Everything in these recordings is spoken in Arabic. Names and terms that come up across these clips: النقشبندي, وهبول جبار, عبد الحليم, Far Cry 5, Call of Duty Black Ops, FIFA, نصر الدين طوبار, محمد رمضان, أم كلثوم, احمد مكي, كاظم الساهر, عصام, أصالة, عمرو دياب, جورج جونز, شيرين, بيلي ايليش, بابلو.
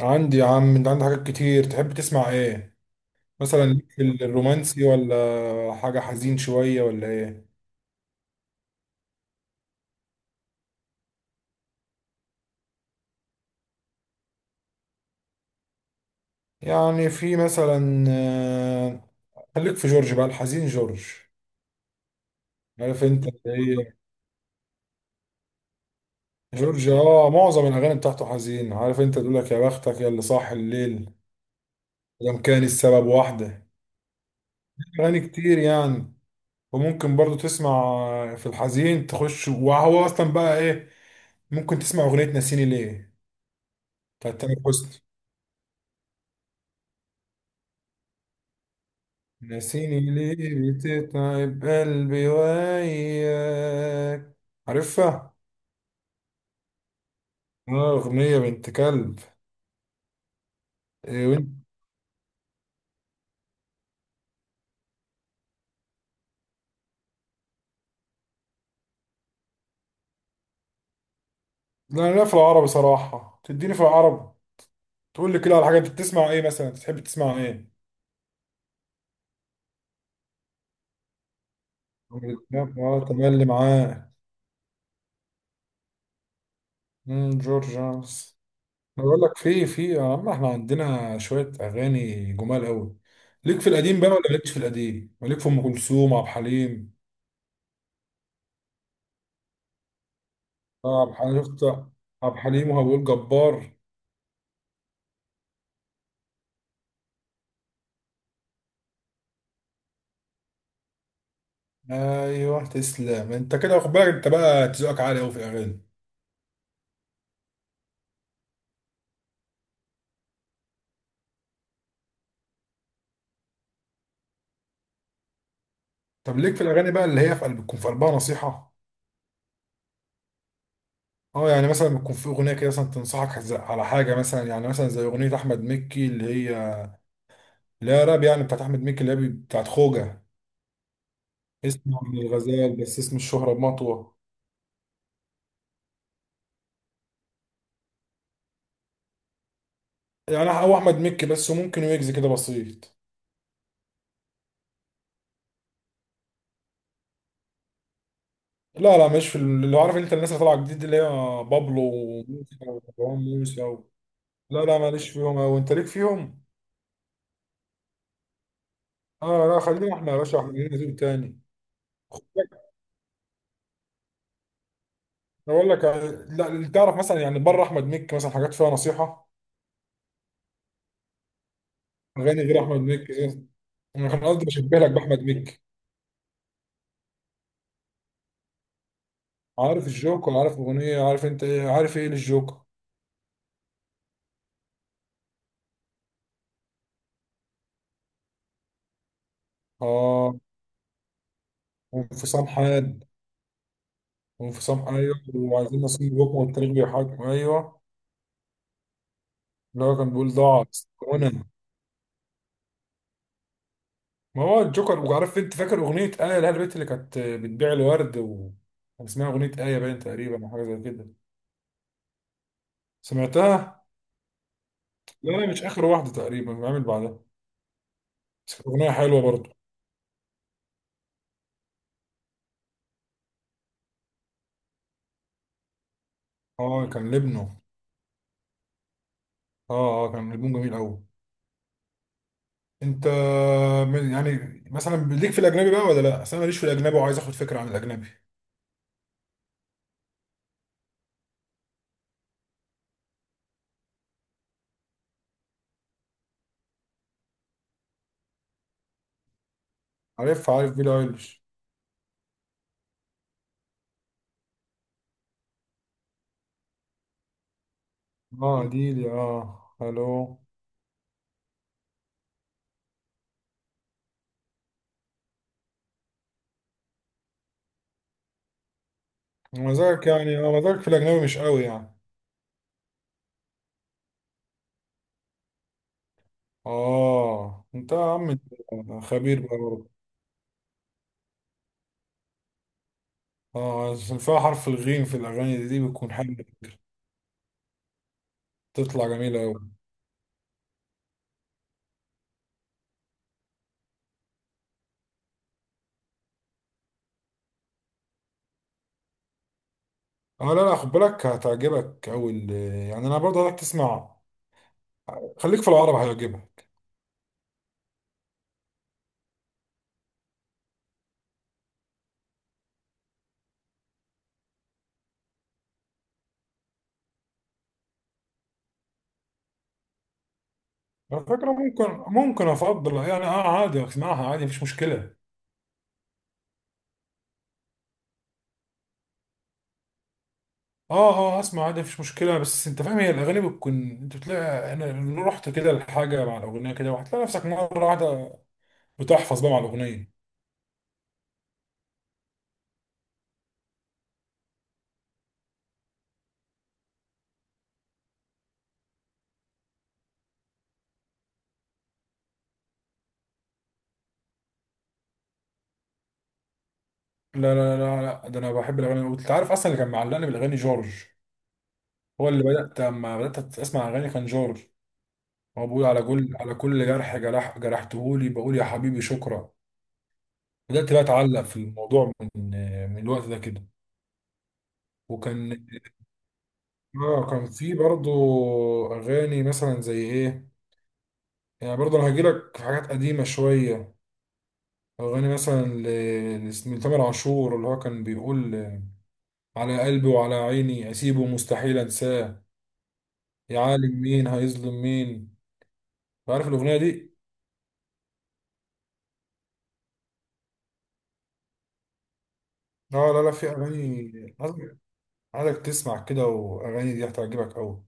عندي يا عم. انت عندك حاجات كتير، تحب تسمع ايه؟ مثلا ليك في الرومانسي ولا حاجة حزين شوية ولا ايه؟ يعني في مثلا خليك في جورج بقى الحزين. جورج، عارف انت اللي هي جورج، معظم الاغاني بتاعته حزين. عارف انت، تقول لك يا بختك، يا اللي صاح الليل لم كان السبب واحدة. اغاني كتير يعني. وممكن برضو تسمع في الحزين تخش، وهو اصلا بقى ايه، ممكن تسمع اغنية ناسيني ليه بتاعت تامر حسني. ناسيني ليه بتتعب قلبي وياك، عارفها؟ اه أغنية بنت كلب. إيه وانت؟ لا لا، في العربي صراحة، تديني في العربي. تقول لي كده على حاجة، أنت بتسمع إيه مثلا، تحب تسمع إيه؟ عمرو دياب، اه تملي معاه. جورج جونز. أنا بقول لك في في يا عم، إحنا عندنا شوية أغاني جمال أوي. ليك في القديم بقى ولا مالكش في القديم؟ مالك في أم كلثوم عبد الحليم؟ اه عبد الحليم، شفت عبد الحليم وهبول جبار. ايوه تسلم انت، كده واخد بالك، انت بقى ذوقك عالي قوي في الاغاني. طب ليك في الاغاني بقى اللي هي في قلب، بتكون في قلبها نصيحه؟ اه يعني مثلا بتكون في اغنيه كده مثلا تنصحك على حاجه، مثلا يعني مثلا زي اغنيه احمد مكي اللي هي، اللي هي راب يعني، بتاعت احمد مكي، اللي هي بتاعت خوجه. اسمه من الغزال، بس اسم الشهره بمطوه. يعني هو احمد مكي بس، وممكن ويجز كده بسيط. لا لا، مش في اللي هو، عارف انت الناس اللي طالعه جديد اللي هي، بابلو وموسى ومروان موسى و... لا لا ماليش فيهم اوي، انت ليك فيهم؟ اه لا، خلينا احنا يا باشا، احنا لينا ذوق تاني. خد بالك، انا بقول لك لا اللي تعرف مثلا يعني بره احمد مكي مثلا حاجات فيها نصيحه. اغاني غير احمد مكي زي- انا كان قصدي بشبه لك باحمد مكي. عارف الجوكر، عارف اغنيه، عارف انت ايه، عارف ايه للجوكر؟ اه وانفصام حاد. وانفصام، ايوه، وعايزين نصيب بكم، والتاريخ بيحاكم، ايوه. اللي هو كان بيقول ضاعت. وانا... ما هو الجوكر. وعارف انت، فاكر اغنيه ايه لها البيت اللي كانت بتبيع الورد و... كان اسمها اغنيه ايه باين تقريبا، او حاجه زي كده. سمعتها؟ لا لا، مش اخر واحده، تقريبا بعمل بعدها. بس كانت اغنيه حلوه برضه. اه كان لبنه. اه كان لبنه جميل قوي. انت يعني مثلا ليك في الاجنبي بقى، ولا لا، اصل انا ماليش في الاجنبي وعايز اخد فكره عن الاجنبي. عارف بيلي ايليش. اه دي، الو. مزاجك يعني، مزاجك في الاجنبي مش قوي يعني. اه انت يا عم، أنت خبير بقى برضه. اه عشان فيها حرف الغين في الاغاني، دي بتكون حلوه. تطلع جميله قوي. اه لا لا، خد بالك هتعجبك اول. يعني انا برضه هتك تسمع، خليك في العرب هيعجبك. على فكره ممكن. ممكن افضل يعني، اه عادي، اسمعها عادي مفيش مشكله. اه اسمع عادي مفيش مشكله. بس انت فاهم، هي الاغاني بتكون، انت بتلاقي انا رحت كده لحاجه مع الاغنيه كده، وهتلاقي نفسك مره واحده بتحفظ بقى مع الاغنيه. لا لا لا لا، ده انا بحب الاغاني. وانت عارف اصلا، اللي كان معلقني بالاغاني جورج. هو اللي بدات، لما بدات اسمع اغاني كان جورج. هو بيقول على كل على كل جرح جرح جرحتهولي بقول يا حبيبي شكرا. بدأت بقى أتعلق في الموضوع من من الوقت ده كده. وكان كان في برضو أغاني مثلا زي إيه. يعني برضو أنا هجيلك في حاجات قديمة شوية. أغاني مثلا لتامر عاشور، اللي هو كان بيقول على قلبي وعلى عيني أسيبه مستحيل أنساه. يا عالم مين هيظلم مين، عارف الأغنية دي؟ لا لا لا، في أغاني عايزك تسمع كده، وأغاني دي هتعجبك أوي.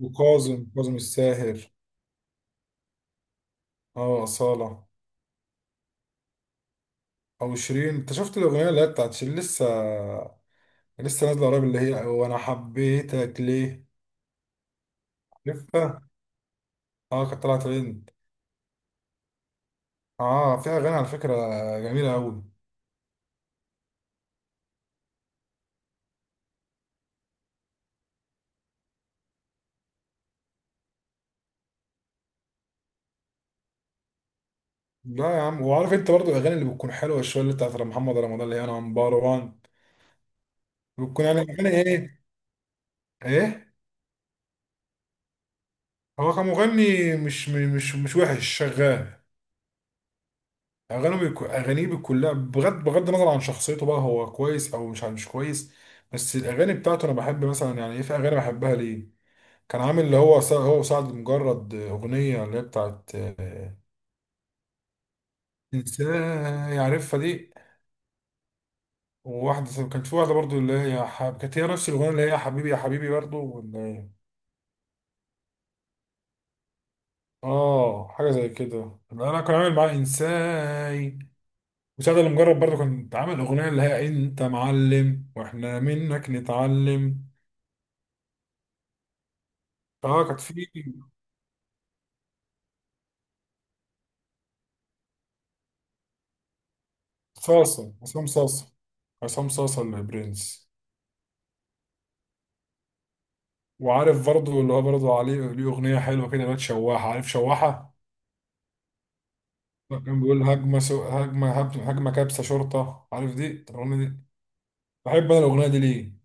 وكاظم الساهر. اه أصالة. او شيرين، انت شفت الاغنيه اللي هي بتاعت شيرين، لسه نازله قريب، اللي هي وانا حبيتك ليه، عارفها؟ اه كانت طلعت ترند. اه فيها اغاني على فكره جميله قوي. لا يا عم، وعارف انت برضو الاغاني اللي بتكون حلوه شويه اللي بتاعت محمد رمضان اللي هي انا عمبار وان. بتكون يعني اغاني ايه، ايه. هو كمغني مش وحش، شغال. اغانيه بتكون، لا، بغض النظر عن شخصيته، بقى هو كويس او مش كويس. بس الاغاني بتاعته انا بحب مثلا يعني، ايه في اغاني بحبها ليه. كان عامل اللي هو هو وسعد مجرد، أغنية اللي هي بتاعت إنسان، يعرفها دي. وواحدة كان في واحدة برضو، اللي هي كانت هي نفس الأغنية اللي هي يا حبيبي يا حبيبي برضو، ولا إيه؟ آه حاجة زي كده، أنا كان عامل معاه إنساي. وسعد المجرد برضو كان عامل أغنية اللي هي أنت معلم وإحنا منك نتعلم. آه كانت في صاصة، عصام صاصة، عصام صاصة البرنس. وعارف برضو اللي هو، برضو عليه ليه أغنية حلوة كده اللي هي شواحة، عارف شواحة؟ كان بيقول هجمة سو... هجمة هب- هجمة كبسة شرطة، عارف دي؟ طب الأغنية دي بحب أنا الأغنية دي ليه؟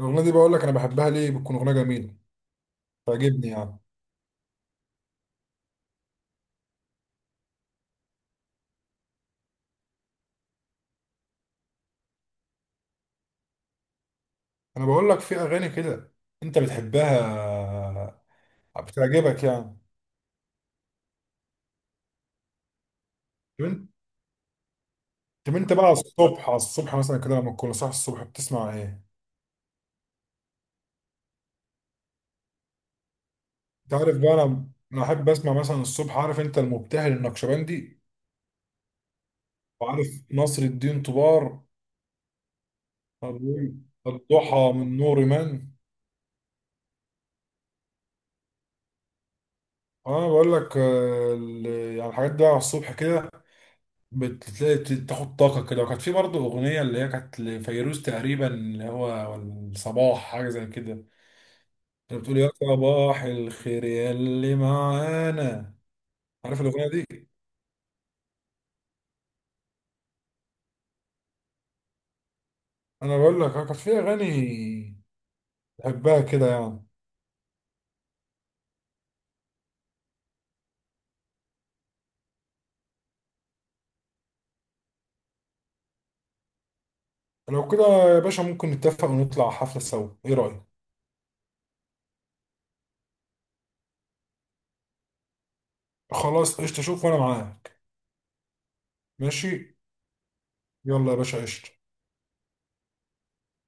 الأغنية دي بقول لك أنا بحبها ليه، بتكون أغنية جميلة، تعجبني يعني. أنا بقول لك في أغاني كده أنت بتحبها، بتعجبك يعني. طب أنت طب أنت بقى على الصبح مثلا كده لما تكون صاحي الصبح بتسمع إيه؟ أنت عارف بقى، أنا أحب أسمع مثلا الصبح، عارف أنت المبتهل النقشبندي، وعارف نصر الدين طوبار. طب وإيه؟ الضحى من نور من. اه انا بقول لك، يعني الحاجات دي على الصبح كده، بتلاقي تاخد طاقه كده. وكانت في برضه اغنيه اللي هي كانت لفيروز تقريبا اللي هو الصباح حاجه زي كده. كانت بتقول يا صباح الخير يا اللي معانا، عارف الاغنيه دي؟ انا بقول لك كانت في اغاني بحبها كده يعني. لو كده يا باشا ممكن نتفق ونطلع حفله سوا، ايه رايك؟ خلاص قشطه، شوف وانا معاك. ماشي. يلا يا باشا، قشطه.